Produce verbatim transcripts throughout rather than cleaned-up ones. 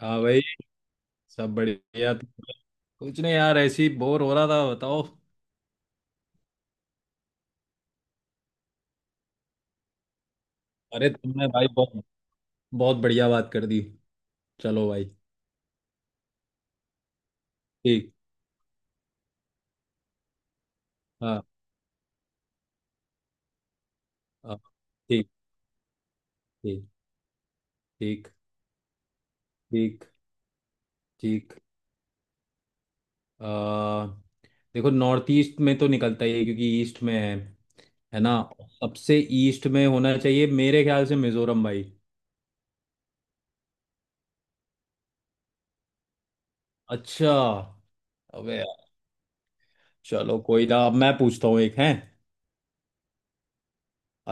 हाँ भाई। सब बढ़िया। कुछ नहीं यार, ऐसे ही बोर हो रहा था, बताओ। अरे तुमने भाई बहुत बहुत बढ़िया बात कर दी। चलो भाई। ठीक। हाँ। हाँ, ठीक ठीक ठीक। ठीक। ठीक। आ, देखो नॉर्थ ईस्ट में तो निकलता ही है क्योंकि ईस्ट में है है ना। सबसे ईस्ट में होना चाहिए मेरे ख्याल से, मिजोरम भाई। अच्छा। अबे यार, चलो कोई ना। अब मैं पूछता हूँ एक है।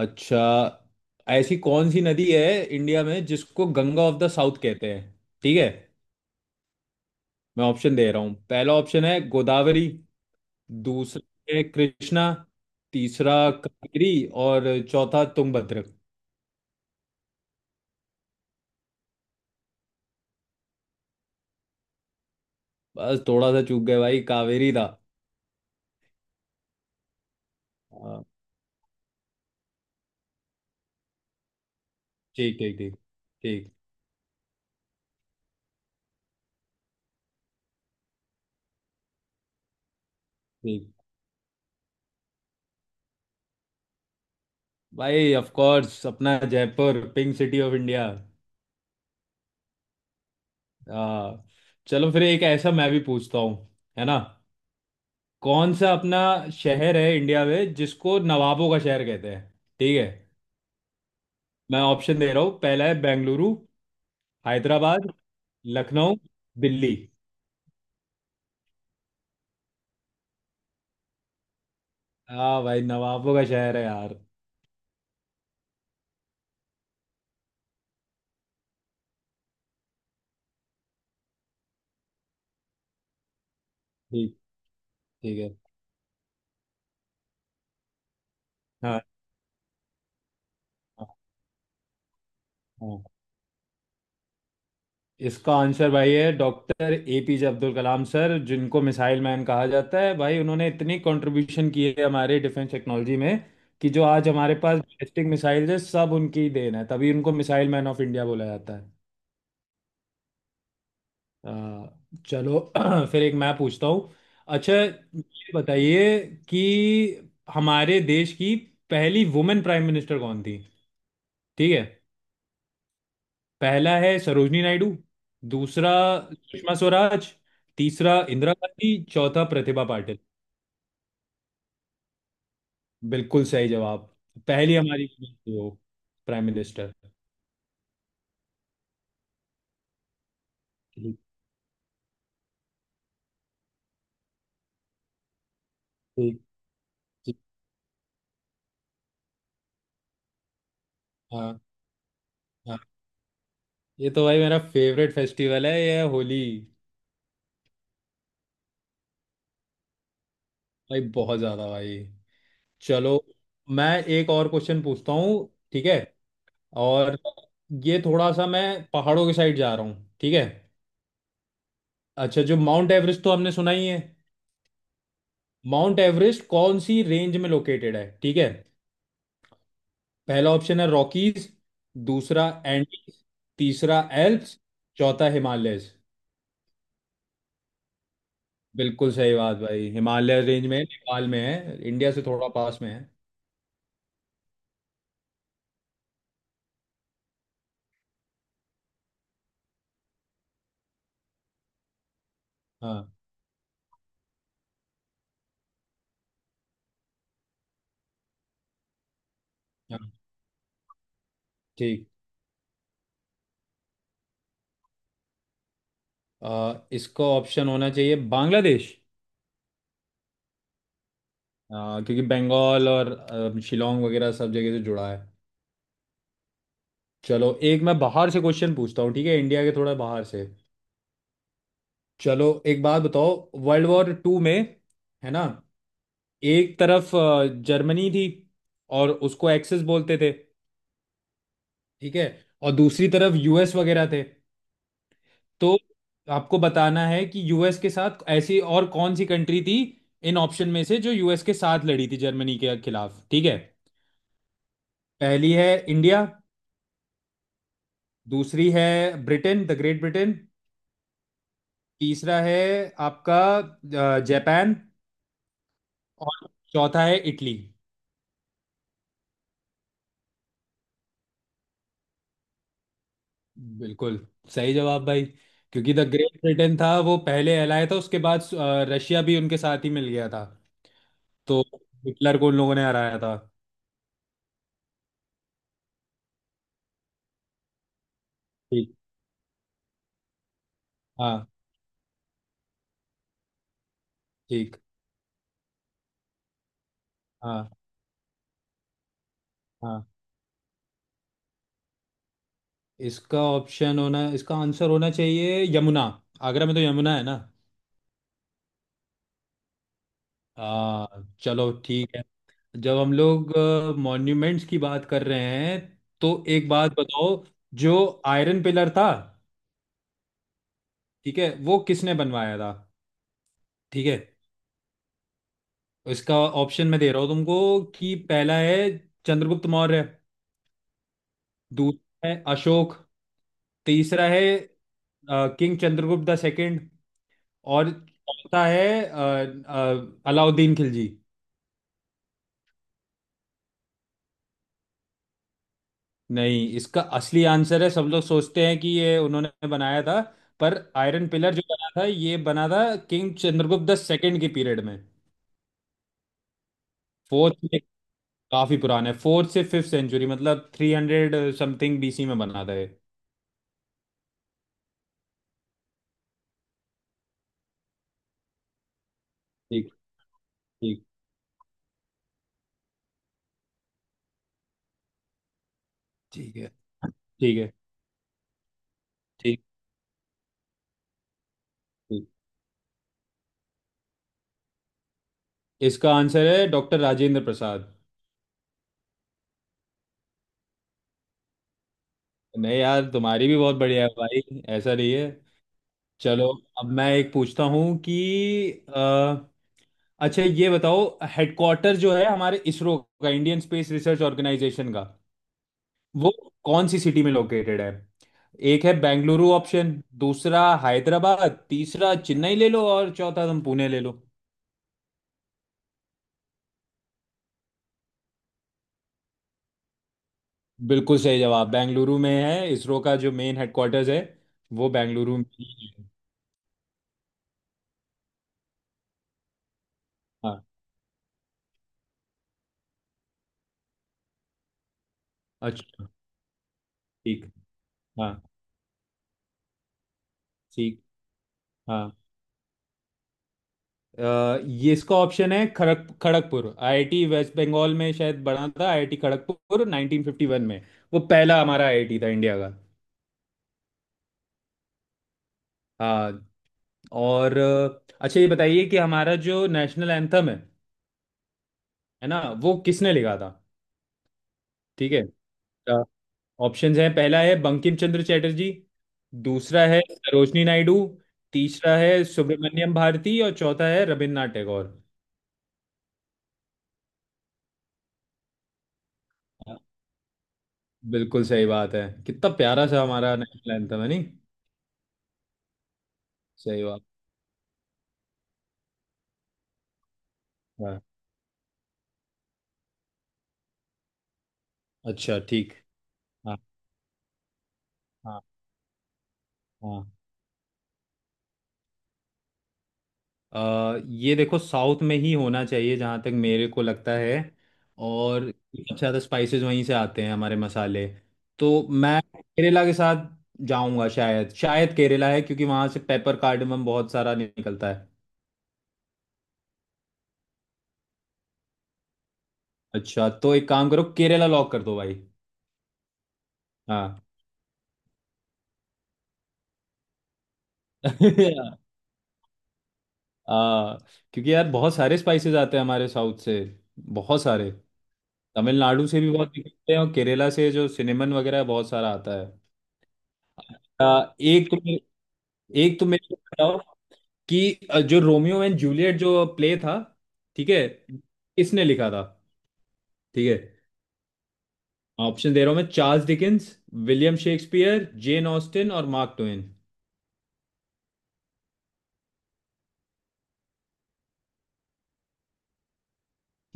अच्छा, ऐसी कौन सी नदी है इंडिया में जिसको गंगा ऑफ द साउथ कहते हैं। ठीक है, मैं ऑप्शन दे रहा हूँ। पहला ऑप्शन है गोदावरी। दूसरा है कृष्णा। तीसरा कावेरी। और चौथा तुंगभद्र। बस थोड़ा सा चूक गए भाई, कावेरी था। हाँ, ठीक ठीक ठीक। ठीक। ठीक भाई, ऑफ कोर्स अपना Jaipur, pink city of India. हाँ। चलो फिर एक ऐसा मैं भी पूछता हूँ, है ना। कौन सा अपना शहर है इंडिया में जिसको नवाबों का शहर कहते हैं। ठीक है, मैं ऑप्शन दे रहा हूँ। पहला है बेंगलुरु। हैदराबाद। लखनऊ। दिल्ली। हाँ भाई, नवाबों का शहर है यार। ठीक। ठीक है। हाँ। हाँ। हाँ। इसका आंसर भाई है doctor APJ Abdul Kalam sir, जिनको मिसाइल मैन कहा जाता है। भाई उन्होंने इतनी कंट्रीब्यूशन की है हमारे डिफेंस टेक्नोलॉजी में कि जो आज हमारे पास बैलिस्टिक मिसाइल है, सब उनकी ही देन है। तभी उनको मिसाइल मैन ऑफ इंडिया बोला जाता है। आ, चलो फिर एक मैं पूछता हूँ। अच्छा, ये बताइए कि हमारे देश की पहली वुमेन प्राइम मिनिस्टर कौन थी। ठीक है, पहला है सरोजनी नायडू। दूसरा सुषमा स्वराज। तीसरा इंदिरा गांधी। चौथा प्रतिभा पाटिल। बिल्कुल सही जवाब। पहली हमारी वो प्राइम मिनिस्टर। ठीक ठीक ठीक। हाँ। हाँ, ये तो भाई मेरा फेवरेट फेस्टिवल है, ये होली। भाई बहुत ज्यादा भाई। चलो मैं एक और क्वेश्चन पूछता हूँ, ठीक है। और ये थोड़ा सा मैं पहाड़ों के साइड जा रहा हूँ, ठीक है। अच्छा, जो माउंट एवरेस्ट तो हमने सुना ही है। माउंट एवरेस्ट कौन सी रेंज में लोकेटेड है, ठीक है। पहला ऑप्शन है रॉकीज। दूसरा एंडीज। तीसरा एल्प्स। चौथा हिमालयस। बिल्कुल सही बात भाई, हिमालय रेंज में नेपाल में है, इंडिया से थोड़ा पास में है। हाँ। हाँ। ठीक। अ, इसका ऑप्शन होना चाहिए बांग्लादेश। हाँ क्योंकि बंगाल और अ, शिलोंग वगैरह सब जगह से जुड़ा है। चलो एक मैं बाहर से क्वेश्चन पूछता हूँ, ठीक है, इंडिया के थोड़ा बाहर से। चलो एक बात बताओ। वर्ल्ड वॉर टू में, है ना, एक तरफ अ, जर्मनी थी और उसको एक्सेस बोलते थे, ठीक है। और दूसरी तरफ यूएस वगैरह थे। तो आपको बताना है कि यूएस के साथ ऐसी और कौन सी कंट्री थी इन ऑप्शन में से, जो यूएस के साथ लड़ी थी जर्मनी के खिलाफ, ठीक है। पहली है इंडिया। दूसरी है ब्रिटेन, द ग्रेट ब्रिटेन। तीसरा है आपका अ, जापान। और चौथा है इटली। बिल्कुल सही जवाब भाई, क्योंकि द ग्रेट ब्रिटेन था वो, पहले कहलाया था, उसके बाद अ, रशिया भी उनके साथ ही मिल गया था। तो हिटलर को उन लोगों ने हराया था। ठीक। हाँ। ठीक। हाँ। हाँ, इसका ऑप्शन होना, इसका आंसर होना चाहिए यमुना। आगरा में तो यमुना है ना। आ, चलो ठीक है। जब हम लोग मॉन्यूमेंट्स की बात कर रहे हैं, तो एक बात बताओ। जो आयरन पिलर था, ठीक है, वो किसने बनवाया था, ठीक है। इसका ऑप्शन मैं दे रहा हूँ तुमको कि पहला है चंद्रगुप्त मौर्य। दूसरा है अशोक। तीसरा है किंग चंद्रगुप्त द सेकंड। और चौथा है अ, अ, अलाउद्दीन खिलजी। नहीं, इसका असली आंसर है, सब लोग सोचते हैं कि ये उन्होंने बनाया था, पर आयरन पिलर जो बना था, ये बना था किंग चंद्रगुप्त द सेकंड के पीरियड में, फोर्थ में। काफी पुराना है, फोर्थ से फिफ्थ सेंचुरी, मतलब थ्री हंड्रेड समथिंग बीसी में बना था ये। ठीक। ठीक। ठीक है। ठीक है। ठीक। ठीक इसका आंसर है डॉक्टर राजेंद्र प्रसाद। नहीं यार, तुम्हारी भी बहुत बढ़िया है भाई, ऐसा नहीं है। चलो अब मैं एक पूछता हूँ कि अच्छा, ये बताओ, हेडक्वार्टर जो है हमारे इसरो का, इंडियन स्पेस रिसर्च ऑर्गेनाइजेशन का, वो कौन सी सिटी में लोकेटेड है। एक है बेंगलुरु ऑप्शन। दूसरा हैदराबाद। तीसरा चेन्नई ले लो। और चौथा तुम पुणे ले लो। बिल्कुल सही जवाब, बेंगलुरु में है इसरो का जो मेन हेडक्वार्टर्स है, वो बेंगलुरु में ही है। हाँ। अच्छा। ठीक। हाँ। ठीक। हाँ, अ, ये इसका ऑप्शन है खड़क खड़गपुर आईआईटी। वेस्ट बंगाल में शायद बना था IIT Kharagpur nineteen fifty one में। वो पहला हमारा आईआईटी था इंडिया का। हाँ। और अ, अच्छा, ये बताइए कि हमारा जो नेशनल एंथम है है ना, वो किसने लिखा था, ठीक है। ऑप्शंस हैं, पहला है बंकिम चंद्र चटर्जी। दूसरा है सरोजनी नायडू। तीसरा है सुब्रमण्यम भारती। और चौथा है रविन्द्रनाथ टैगोर। हाँ, बिल्कुल सही बात है, कितना प्यारा सा हमारा नेशनल एंथम है, नहीं। सही बात। हाँ। अच्छा। ठीक। हाँ। हाँ। हाँ। अ, ये देखो साउथ में ही होना चाहिए, जहाँ तक मेरे को लगता है। और सबसे ज़्यादा स्पाइसेस वहीं से आते हैं, हमारे मसाले। तो मैं केरला के साथ जाऊंगा। शायद शायद केरला है, क्योंकि वहाँ से पेपर कार्डमम बहुत सारा निकलता है। अच्छा, तो एक काम करो, केरला लॉक कर दो भाई। हाँ। हाँ, क्योंकि यार बहुत सारे स्पाइसेस आते हैं हमारे साउथ से, बहुत सारे। तमिलनाडु से भी बहुत निकलते हैं, और केरला से जो सिनेमन वगैरह है, बहुत सारा आता है। आ, एक तो मेरे, एक तो मेरे को बताओ कि अ, जो रोमियो एंड जूलियट जो प्ले था, ठीक है, किसने लिखा था, ठीक है। ऑप्शन दे रहा हूँ मैं, Charles Dickens, William Shakespeare, Jane Austen और मार्क ट्वेन।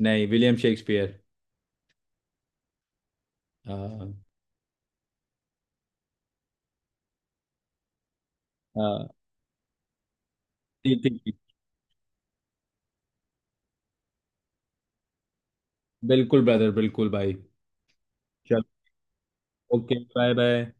नहीं, विलियम शेक्सपियर। हाँ। हाँ। ठीक ठीक ठीक। बिल्कुल ब्रदर, बिल्कुल भाई। चलो। Okay, bye bye.